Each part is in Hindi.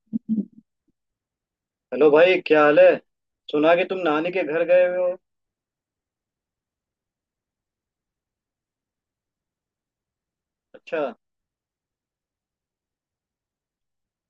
हेलो भाई, क्या हाल है। सुना कि तुम नानी के घर गए हुए हो। अच्छा।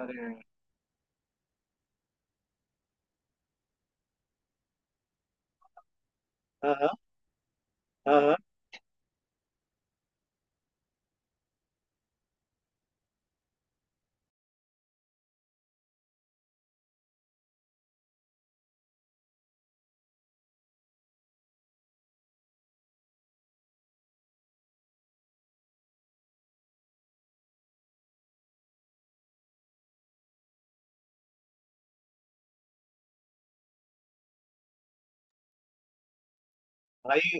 अरे। हाँ हाँ। हाँ हाँ। भाई,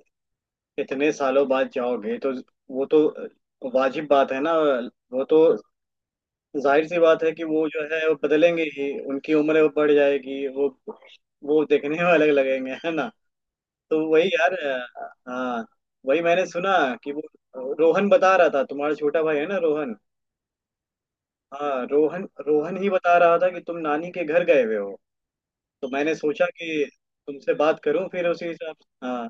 इतने सालों बाद जाओगे तो वो तो वाजिब बात है ना। वो तो जाहिर सी बात है कि वो जो है वो बदलेंगे ही, उनकी उम्र वो बढ़ जाएगी। वो देखने में अलग लगेंगे, है ना। तो वही यार। हाँ, वही मैंने सुना कि वो रोहन बता रहा था, तुम्हारा छोटा भाई है ना रोहन। हाँ, रोहन रोहन ही बता रहा था कि तुम नानी के घर गए हुए हो। तो मैंने सोचा कि तुमसे बात करूं, फिर उसी हिसाब से। हाँ।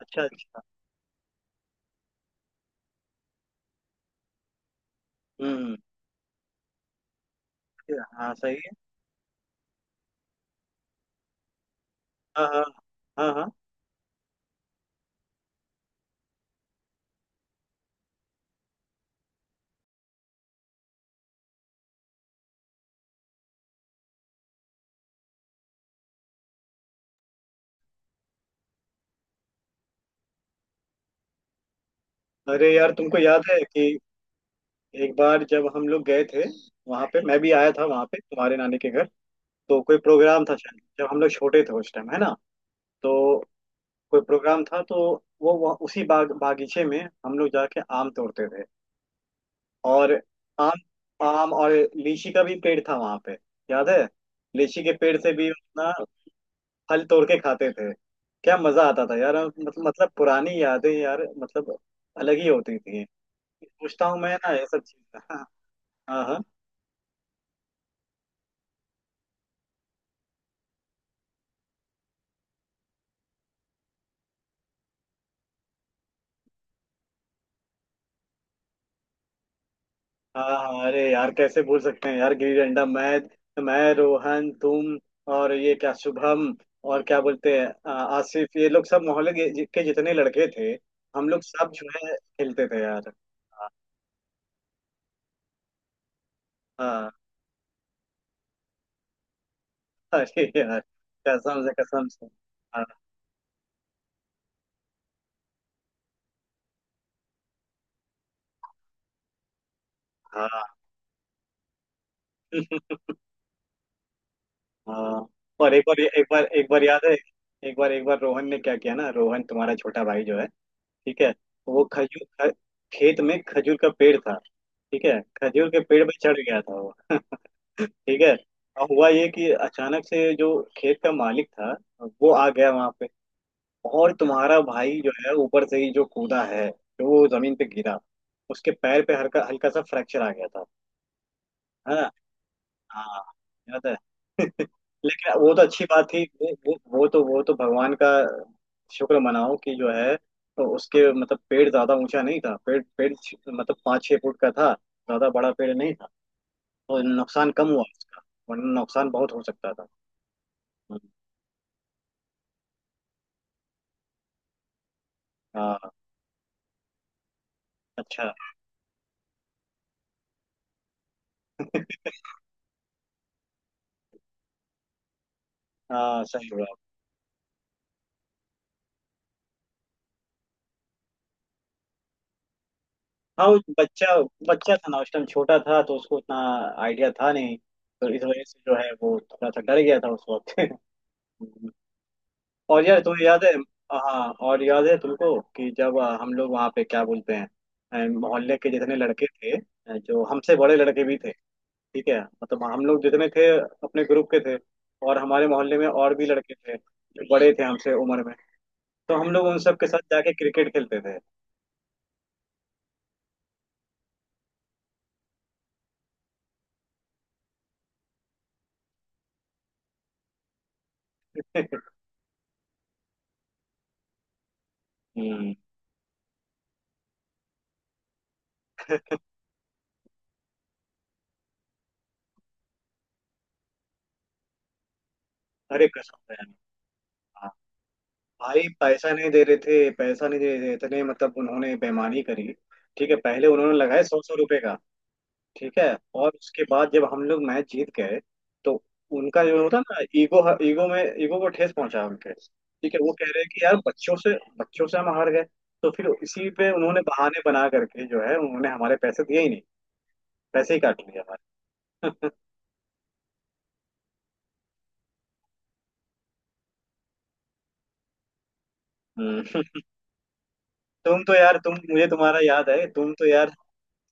अच्छा अच्छा। हम्म। हाँ सही है। हाँ हाँ। हाँ हाँ। अरे यार, तुमको याद है कि एक बार जब हम लोग गए थे, वहां पे मैं भी आया था वहां पे तुम्हारे नानी के घर। तो कोई प्रोग्राम था शायद, जब हम लोग छोटे थे उस टाइम, है ना। तो कोई प्रोग्राम था, तो वो वहाँ उसी बागीचे में हम लोग जाके आम तोड़ते थे। और आम, आम और लीची का भी पेड़ था वहां पे, याद है। लीची के पेड़ से भी अपना फल तोड़ के खाते थे। क्या मजा आता था यार, मतलब पुरानी यादें यार, मतलब अलग ही होती थी। पूछता हूँ मैं ना ये सब चीज। हाँ। हाँ हाँ। हाँ अरे यार कैसे भूल सकते हैं यार गिल्ली डंडा। मैं, रोहन, तुम और ये क्या शुभम, और क्या बोलते हैं आसिफ, ये लोग सब मोहल्ले के जितने लड़के थे, हम लोग सब जो है खेलते थे यार। हाँ हाँ। अरे यार, कसम से कसम से। हाँ हाँ हाँ। और एक बार याद है, एक बार रोहन ने क्या किया ना, रोहन तुम्हारा छोटा भाई जो है। ठीक है। वो खजूर ख- खेत में खजूर का पेड़ था। ठीक है, खजूर के पेड़ पे चढ़ गया था वो। ठीक है। और हुआ ये कि अचानक से जो खेत का मालिक था, वो आ गया वहां पे। और तुम्हारा भाई जो है, ऊपर से ही जो कूदा है, जो वो जमीन पे गिरा, उसके पैर पे हल्का हल्का सा फ्रैक्चर आ गया था, है ना। हाँ, याद है। लेकिन वो तो अच्छी बात थी, वो तो भगवान का शुक्र मनाओ कि जो है, तो उसके मतलब पेड़ ज्यादा ऊंचा नहीं था, पेड़ पेड़ छ- मतलब 5-6 फुट का था, ज्यादा बड़ा पेड़ नहीं था। तो नुकसान कम हुआ उसका, वरना नुकसान बहुत हो सकता था। हम्म। हाँ। अच्छा। हाँ सही हुआ। हाँ वो बच्चा बच्चा था ना, उस टाइम छोटा था, तो उसको उतना आइडिया था नहीं, तो इस वजह से जो है वो थोड़ा सा डर गया था उस वक्त। और यार, तुम्हें याद है। हाँ, और याद है तुमको कि जब हम लोग वहाँ पे क्या बोलते हैं, मोहल्ले के जितने लड़के थे, जो हमसे बड़े लड़के भी थे। ठीक है, मतलब हम लोग जितने थे अपने ग्रुप के थे, और हमारे मोहल्ले में और भी लड़के थे जो बड़े थे हमसे उम्र में। तो हम लोग उन सब के साथ जाके क्रिकेट खेलते थे। हम्म। अरे कसम है। हाँ भाई, पैसा नहीं दे रहे थे, पैसा नहीं दे रहे थे, इतने, मतलब उन्होंने बेईमानी करी। ठीक है, पहले उन्होंने लगाए 100-100 रुपए का। ठीक है, और उसके बाद जब हम लोग मैच जीत गए, तो उनका जो होता ना ईगो, ईगो में ईगो को ठेस पहुंचा उनके। ठीक है, वो कह रहे हैं कि यार बच्चों से, बच्चों से हम हार गए। तो फिर इसी पे उन्होंने बहाने बना करके जो है उन्होंने हमारे पैसे दिए ही नहीं, पैसे ही काट लिए हमारे। हम्म। तुम तो यार, तुम मुझे, तुम्हारा याद है, तुम तो यार।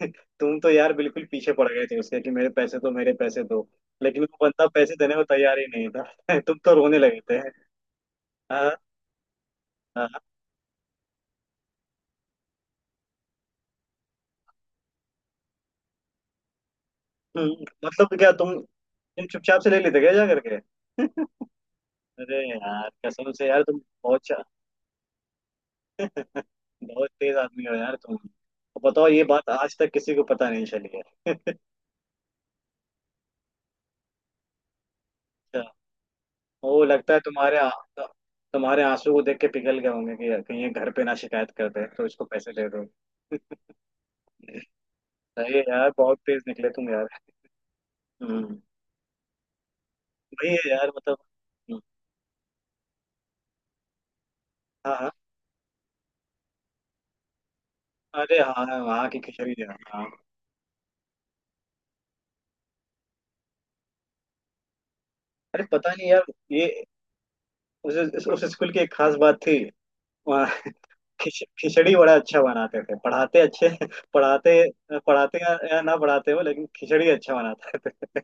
तुम तो यार बिल्कुल पीछे पड़ गए थे उसके कि मेरे पैसे दो, मेरे पैसे दो। लेकिन वो बंदा पैसे देने को तैयार ही नहीं था। तुम तो रोने लगे थे। हाँ हाँ। मतलब क्या तुम चुपचाप से ले लेते क्या जा करके। अरे यार, कसम से यार, तुम बहुत चा- बहुत तेज आदमी हो यार। तुम तो बताओ, ये बात आज तक किसी को पता नहीं चली है। अच्छा, वो लगता है तुम्हारे आंसू को देख के पिघल गए होंगे कि यार कहीं ये घर पे ना शिकायत कर दे, तो इसको पैसे दे दो। सही है यार, बहुत तेज निकले तुम यार। हम्म। वही है यार, मतलब। हम्म। हाँ हाँ। अरे हाँ हाँ, वहाँ की खिचड़ी यार। हाँ। अरे पता नहीं यार, ये उस स्कूल की एक खास बात थी, वहाँ खिचड़ी बड़ा अच्छा बनाते थे। पढ़ाते अच्छे, पढ़ाते पढ़ाते या ना पढ़ाते हो, लेकिन खिचड़ी अच्छा बनाते थे।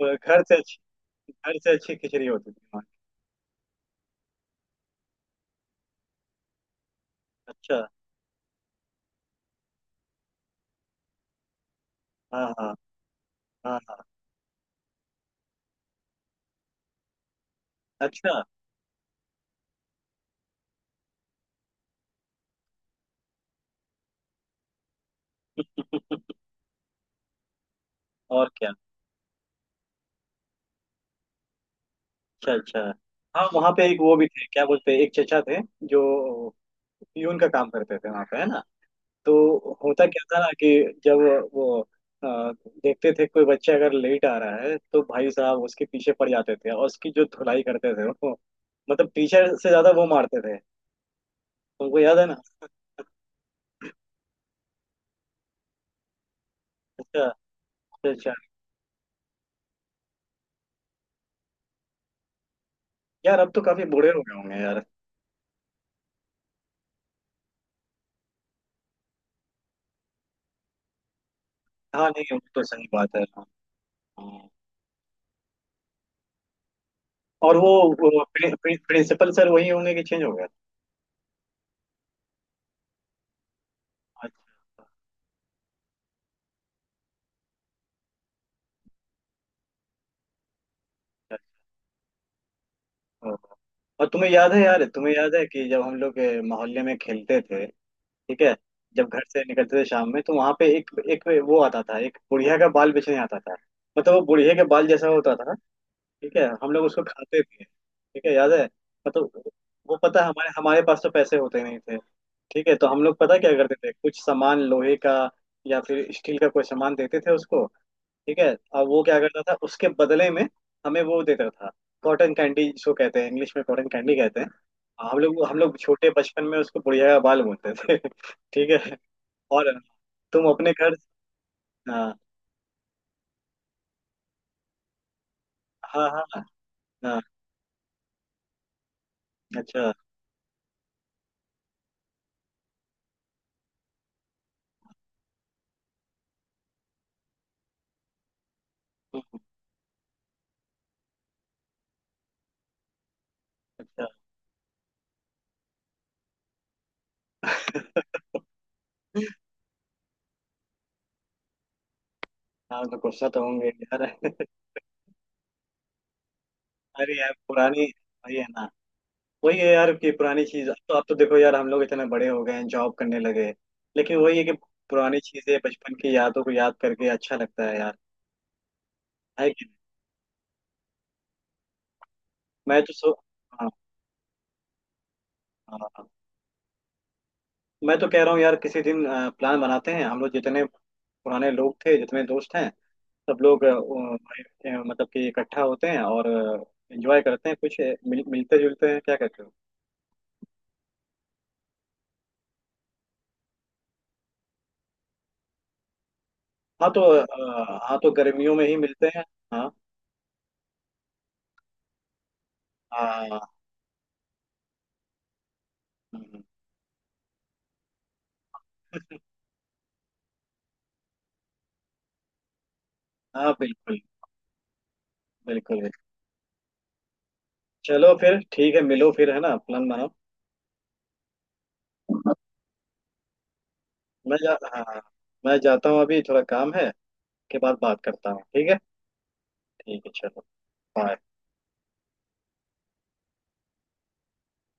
तो घर से अच्छी, घर से अच्छी खिचड़ी होती थी वहाँ की। अच्छा। हाँ हाँ। हाँ हाँ। अच्छा। और क्या। अच्छा अच्छा। हाँ वहाँ पे एक वो भी थे, क्या बोलते हैं, एक चचा थे जो पियून का काम करते थे वहाँ पे, है ना। तो होता क्या था ना कि जब वो अ, देखते थे कोई बच्चा अगर लेट आ रहा है, तो भाई साहब उसके पीछे पड़ जाते थे और उसकी जो धुलाई करते थे वो, मतलब पीछे से ज्यादा वो मारते थे। तुमको याद है ना। अच्छा अच्छा अच्छा। यार अब तो काफी बूढ़े हो गए होंगे यार। हाँ नहीं वो तो सही बात है, हाँ। हाँ। और वो प्रि, प्रि, प्रिंसिपल सर वही होंगे कि चेंज हो गए। अच्छा अच्छा। और तुम्हें याद है यार, तुम्हें याद है कि जब हम लोग मोहल्ले में खेलते थे, ठीक है, जब घर से निकलते थे शाम में तो वहां पे एक एक वो आता था, एक बुढ़िया का बाल बेचने आता था। मतलब वो बुढ़िया के बाल जैसा होता था। ठीक है, हम लोग उसको खाते थे। ठीक है, याद है। मतलब वो पता है, हमारे हमारे पास तो पैसे होते नहीं थे। ठीक है, तो हम लोग पता क्या करते थे, कुछ सामान लोहे का या फिर स्टील का कोई सामान देते थे उसको। ठीक है, और वो क्या करता था उसके बदले में हमें वो देता था, कॉटन कैंडी, जिसको कहते हैं इंग्लिश में कॉटन कैंडी कहते हैं। हम लोग छोटे बचपन में उसको बुढ़िया का बाल बोलते थे। ठीक है। और तुम अपने घर। हाँ हाँ। हाँ हाँ। अच्छा अच्छा। हाँ तो गुस्सा तो होंगे यार। अरे यार पुरानी, वही है ना, वही है यार कि पुरानी चीज, अब तो देखो यार हम लोग इतने बड़े हो गए हैं जॉब करने लगे, लेकिन वही है कि पुरानी चीजें, बचपन की यादों को याद करके अच्छा लगता है यार। है कि, मैं तो सो हाँ हाँ हाँ। मैं तो कह रहा हूँ यार किसी दिन प्लान बनाते हैं, हम लोग जितने पुराने लोग थे, जितने दोस्त हैं, सब लोग वो, भाई, मतलब कि इकट्ठा होते हैं और एंजॉय करते हैं कुछ मिलते जुलते हैं, क्या कहते हो। हाँ तो गर्मियों में ही मिलते हैं। हाँ हाँ। हम्म। हाँ बिल्कुल बिल्कुल। चलो फिर ठीक है, मिलो फिर है ना प्लान बनाओ। मैं जा हाँ। मैं जाता हूँ अभी थोड़ा काम है, के बाद बात करता हूँ ठीक है। ठीक है चलो। बाय।